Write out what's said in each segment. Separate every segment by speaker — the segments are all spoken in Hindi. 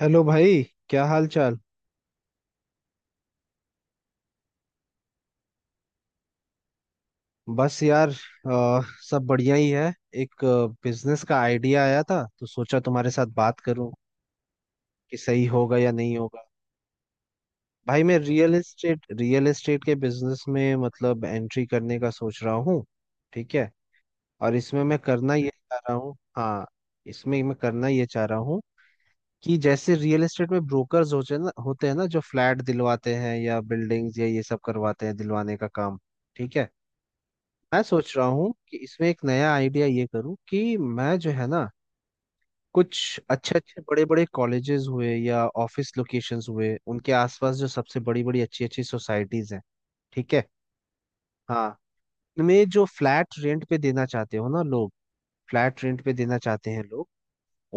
Speaker 1: हेलो भाई। क्या हाल चाल। बस यार, सब बढ़िया ही है। एक बिजनेस का आइडिया आया था तो सोचा तुम्हारे साथ बात करूं कि सही होगा या नहीं होगा। भाई मैं रियल एस्टेट के बिजनेस में मतलब एंट्री करने का सोच रहा हूँ। ठीक है। और इसमें मैं करना ये चाह रहा हूँ। हाँ। इसमें मैं करना ये चाह रहा हूँ कि जैसे रियल एस्टेट में ब्रोकर्स होते हैं ना जो फ्लैट दिलवाते हैं या बिल्डिंग्स या ये सब करवाते हैं दिलवाने का काम। ठीक है। मैं सोच रहा हूँ कि इसमें एक नया आइडिया ये करूँ कि मैं जो है ना कुछ अच्छे अच्छे बड़े बड़े कॉलेजेस हुए या ऑफिस लोकेशंस हुए उनके आसपास जो सबसे बड़ी बड़ी अच्छी अच्छी सोसाइटीज हैं। ठीक है। हाँ। उनमें जो फ्लैट रेंट पे देना चाहते हो ना लोग, फ्लैट रेंट पे देना चाहते हैं लोग,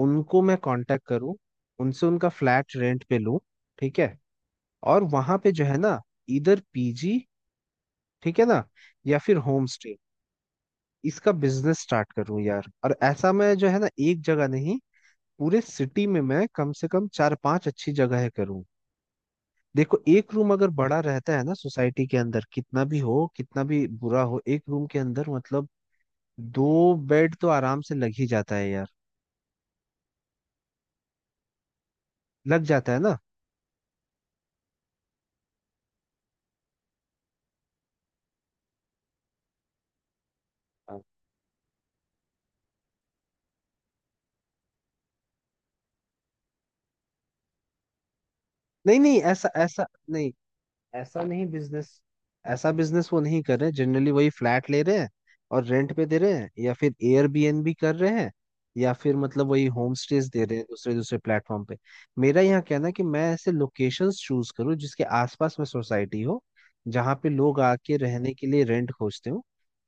Speaker 1: उनको मैं कांटेक्ट करूँ, उनसे उनका फ्लैट रेंट पे लूँ। ठीक है। और वहां पे जो है ना इधर पीजी, ठीक है ना, या फिर होम स्टे, इसका बिजनेस स्टार्ट करूं यार। और ऐसा मैं जो है ना एक जगह नहीं, पूरे सिटी में मैं कम से कम चार पांच अच्छी जगह करूं। देखो एक रूम अगर बड़ा रहता है ना सोसाइटी के अंदर, कितना भी हो कितना भी बुरा हो, एक रूम के अंदर मतलब दो बेड तो आराम से लग ही जाता है यार। लग जाता है ना। हाँ। नहीं नहीं, ऐसा ऐसा नहीं, ऐसा नहीं बिजनेस, ऐसा बिजनेस वो नहीं कर रहे, जनरली वही फ्लैट ले रहे हैं और रेंट पे दे रहे हैं या फिर एयरबीएनबी कर रहे हैं या फिर मतलब वही होम स्टेज दे रहे हैं दूसरे दूसरे प्लेटफॉर्म पे। मेरा यहाँ कहना है कि मैं ऐसे लोकेशंस चूज करूँ जिसके आसपास में सोसाइटी हो, जहाँ पे लोग आके रहने के लिए रेंट खोजते हो,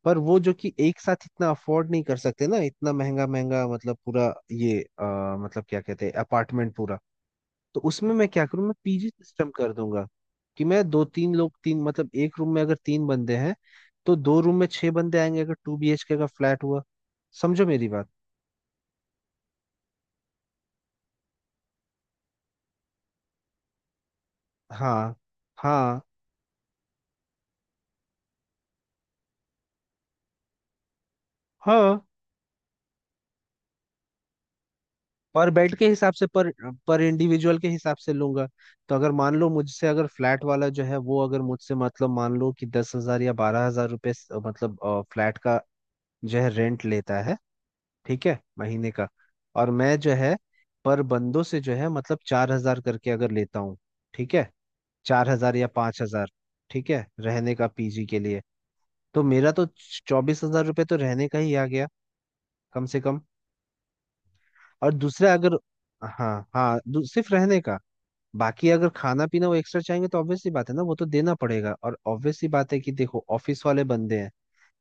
Speaker 1: पर वो जो कि एक साथ इतना अफोर्ड नहीं कर सकते ना, इतना महंगा महंगा मतलब पूरा ये मतलब क्या कहते हैं अपार्टमेंट पूरा। तो उसमें मैं क्या करूँ, मैं पीजी सिस्टम कर दूंगा कि मैं दो तीन लोग, तीन मतलब एक रूम में अगर तीन बंदे हैं तो दो रूम में छह बंदे आएंगे अगर टू बीएचके का फ्लैट हुआ। समझो मेरी बात। हाँ हाँ हाँ। और बेड के हिसाब से, पर इंडिविजुअल के हिसाब से लूंगा। तो अगर मान लो मुझसे, अगर फ्लैट वाला जो है वो अगर मुझसे मतलब मान लो कि 10 हजार या 12 हजार रुपये, मतलब फ्लैट का जो है रेंट लेता है, ठीक है, महीने का। और मैं जो है पर बंदों से जो है मतलब 4 हजार करके अगर लेता हूँ, ठीक है, 4 हजार या 5 हजार, ठीक है, रहने का पीजी के लिए। तो मेरा तो 24 हजार रुपये तो रहने का ही आ गया, कम से कम। और दूसरा अगर, हाँ हाँ, सिर्फ रहने का। बाकी अगर खाना पीना वो एक्स्ट्रा चाहेंगे तो ऑब्वियसली बात है ना, वो तो देना पड़ेगा। और ऑब्वियसली बात है कि देखो ऑफिस वाले बंदे हैं,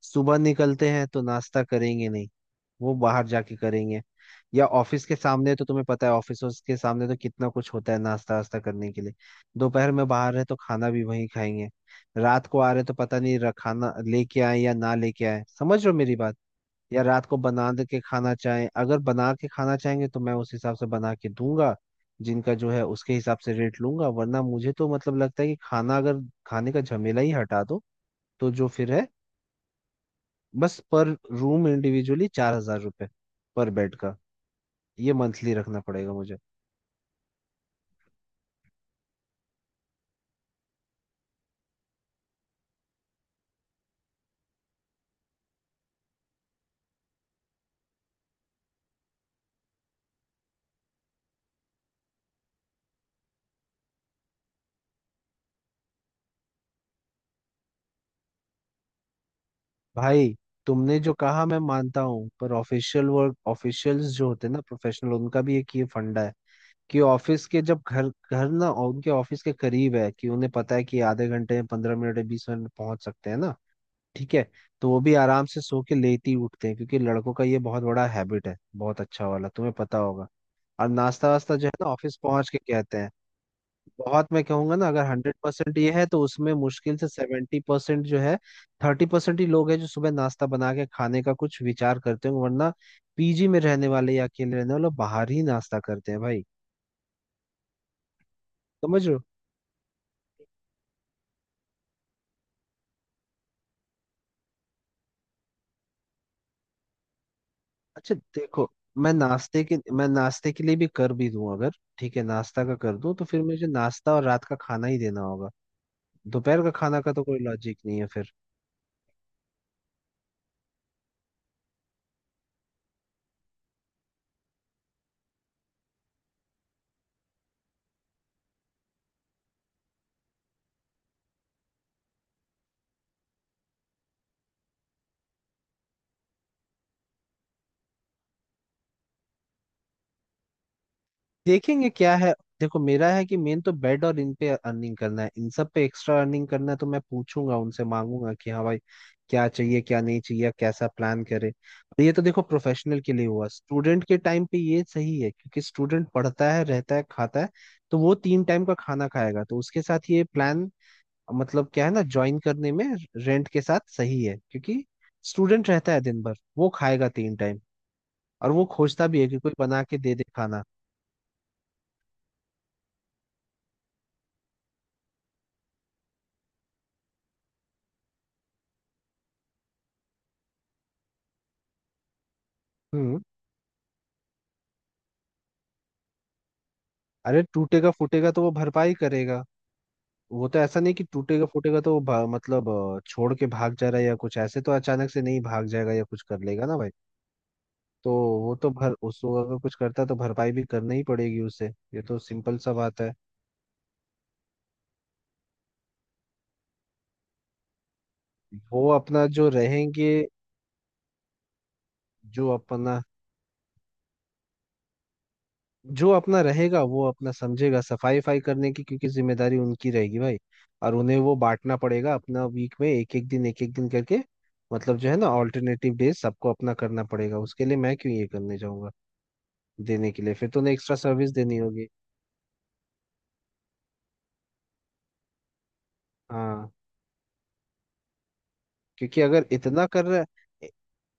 Speaker 1: सुबह निकलते हैं तो नाश्ता करेंगे नहीं, वो बाहर जाके करेंगे या ऑफिस के सामने, तो तुम्हें पता है ऑफिस के सामने तो कितना कुछ होता है नाश्ता वास्ता करने के लिए। दोपहर में बाहर है तो खाना भी वहीं खाएंगे। रात को आ रहे तो पता नहीं खाना लेके आए या ना लेके आए, समझ रहे हो मेरी बात, या रात को बना दे के खाना चाहें, अगर बना के खाना चाहेंगे तो मैं उस हिसाब से बना के दूंगा। जिनका जो है उसके हिसाब से रेट लूंगा, वरना मुझे तो मतलब लगता है कि खाना, अगर खाने का झमेला ही हटा दो तो जो फिर है बस पर रूम इंडिविजुअली 4 हजार रुपये, पर बेड का, ये मंथली रखना पड़ेगा मुझे। भाई तुमने जो कहा मैं मानता हूँ, पर ऑफिशियल वर्क, ऑफिशियल्स जो होते हैं ना प्रोफेशनल, उनका भी एक ये फंडा है कि ऑफिस के जब घर घर ना, उनके ऑफिस के करीब है कि उन्हें पता है कि आधे घंटे, 15 मिनट, 20 मिनट में पहुंच सकते हैं ना। ठीक है। तो वो भी आराम से सो के लेट ही उठते हैं क्योंकि लड़कों का ये बहुत बड़ा हैबिट है बहुत अच्छा वाला, तुम्हें पता होगा। और नाश्ता वास्ता जो है ना ऑफिस पहुंच के कहते हैं। बहुत मैं कहूंगा ना, अगर 100% ये है तो उसमें मुश्किल से 70% जो है, 30% ही लोग हैं जो सुबह नाश्ता बना के खाने का कुछ विचार करते हैं, वरना पीजी में रहने वाले या अकेले रहने वाले लोग बाहर ही नाश्ता करते हैं भाई। समझ रहे हो? अच्छा देखो, मैं नाश्ते के लिए भी कर भी दूं अगर, ठीक है, नाश्ता का कर दूं तो फिर मुझे नाश्ता और रात का खाना ही देना होगा। दोपहर का खाना का तो कोई लॉजिक नहीं है फिर। देखेंगे क्या है। देखो मेरा है कि मेन तो बेड और इन पे अर्निंग करना है, इन सब पे एक्स्ट्रा अर्निंग करना है। तो मैं पूछूंगा उनसे मांगूंगा कि हाँ भाई क्या चाहिए क्या नहीं चाहिए कैसा प्लान करे। और ये तो देखो प्रोफेशनल के लिए हुआ, स्टूडेंट के टाइम पे ये सही है क्योंकि स्टूडेंट पढ़ता है रहता है खाता है तो वो तीन टाइम का खाना खाएगा तो उसके साथ ये प्लान मतलब क्या है ना ज्वाइन करने में रेंट के साथ सही है क्योंकि स्टूडेंट रहता है दिन भर, वो खाएगा तीन टाइम और वो खोजता भी है कि कोई बना के दे दे खाना। हम्म। अरे टूटेगा फूटेगा तो वो भरपाई करेगा। वो तो ऐसा नहीं कि टूटेगा फूटेगा तो वो मतलब छोड़ के भाग जा रहा है या कुछ, ऐसे तो अचानक से नहीं भाग जाएगा या कुछ कर लेगा ना भाई। तो वो तो भर, उसको अगर कुछ करता है तो भरपाई भी करना ही पड़ेगी उसे, ये तो सिंपल सा बात है। वो अपना जो रहेंगे जो अपना, जो अपना रहेगा वो अपना समझेगा सफाई फाई करने की क्योंकि जिम्मेदारी उनकी रहेगी भाई। और उन्हें वो बांटना पड़ेगा अपना, वीक में एक एक दिन करके, मतलब जो है ना ऑल्टरनेटिव डेज सबको अपना करना पड़ेगा। उसके लिए मैं क्यों ये करने जाऊंगा देने के लिए, फिर तो उन्हें एक्स्ट्रा सर्विस देनी होगी। हाँ, क्योंकि अगर इतना कर रहा,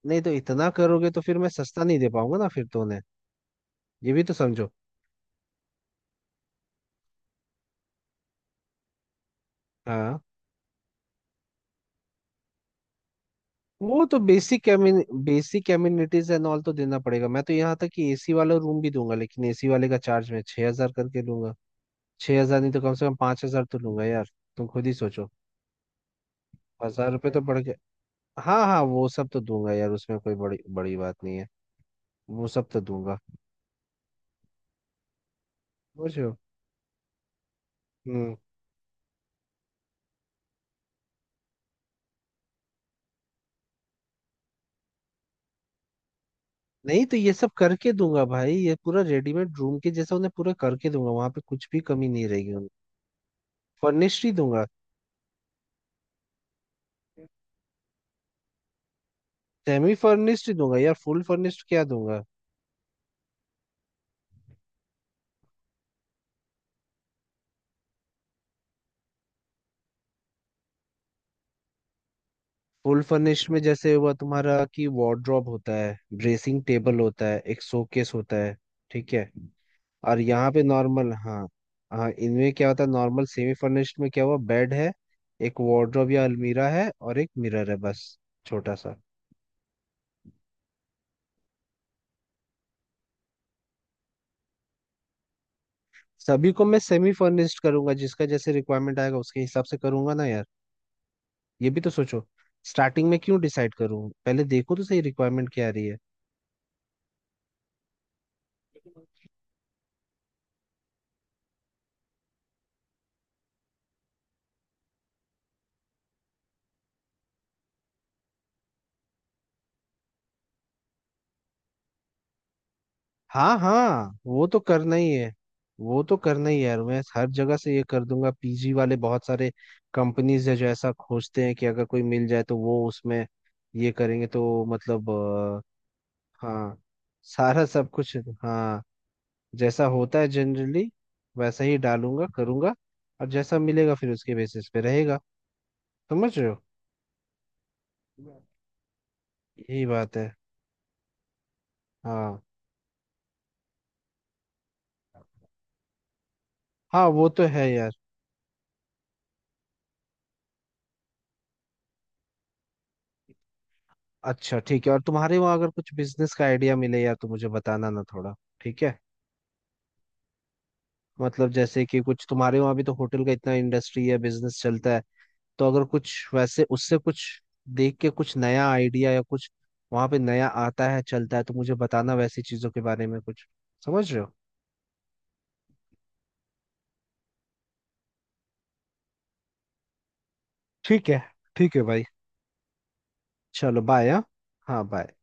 Speaker 1: नहीं तो इतना करोगे तो फिर मैं सस्ता नहीं दे पाऊंगा ना फिर तो उन्हें, ये भी तो समझो। हाँ वो तो basic, basic amenities and all तो देना पड़ेगा। मैं तो यहाँ तक कि एसी वाला रूम भी दूंगा, लेकिन एसी वाले का चार्ज मैं 6 हजार करके लूंगा। 6 हजार नहीं तो कम से कम 5 हजार तो लूंगा यार। तुम खुद ही सोचो, हजार रुपये तो बढ़ गए। हाँ हाँ वो सब तो दूंगा यार, उसमें कोई बड़ी बड़ी बात नहीं है। वो सब तो दूंगा। समझो। हम्म। नहीं तो ये सब करके दूंगा भाई, ये पूरा रेडीमेड रूम के जैसा उन्हें पूरा करके दूंगा, वहां पे कुछ भी कमी नहीं रहेगी उन्हें। फर्निश्ड ही दूंगा। सेमी फर्निश्ड ही दूंगा यार, फुल फर्निश्ड क्या दूंगा। फुल फर्निश्ड में जैसे हुआ तुम्हारा कि वार्डरोब होता है, ड्रेसिंग टेबल होता है, एक शोकेस होता है। ठीक है। और यहाँ पे नॉर्मल, हाँ हाँ इनमें क्या होता है, नॉर्मल सेमी फर्निश्ड में क्या हुआ, बेड है, एक वार्डरोब या अलमीरा है और एक मिरर है बस, छोटा सा। सभी को मैं सेमी फर्निश्ड करूंगा, जिसका जैसे रिक्वायरमेंट आएगा उसके हिसाब से करूंगा ना यार। ये भी तो सोचो, स्टार्टिंग में क्यों डिसाइड करूँ, पहले देखो तो सही रिक्वायरमेंट क्या आ रही है। हाँ हाँ वो तो करना ही है, वो तो करना ही है यार, मैं हर जगह से ये कर दूंगा। पीजी वाले बहुत सारे कंपनीज है जो ऐसा खोजते हैं कि अगर कोई मिल जाए तो वो उसमें ये करेंगे तो मतलब हाँ सारा सब कुछ हाँ जैसा होता है जनरली वैसा ही डालूंगा करूंगा। और जैसा मिलेगा फिर उसके बेसिस पे रहेगा। समझ रहे हो। यही बात है। हाँ हाँ वो तो है यार। अच्छा ठीक है, और तुम्हारे वहाँ अगर कुछ बिजनेस का आइडिया मिले या, तो मुझे बताना ना थोड़ा। ठीक है। मतलब जैसे कि कुछ तुम्हारे वहाँ भी तो होटल का इतना इंडस्ट्री या बिजनेस चलता है, तो अगर कुछ वैसे उससे कुछ देख के कुछ नया आइडिया या कुछ वहाँ पे नया आता है चलता है तो मुझे बताना, वैसी चीजों के बारे में कुछ। समझ रहे हो। ठीक है। ठीक है भाई। चलो बाय। हाँ हाँ बाय।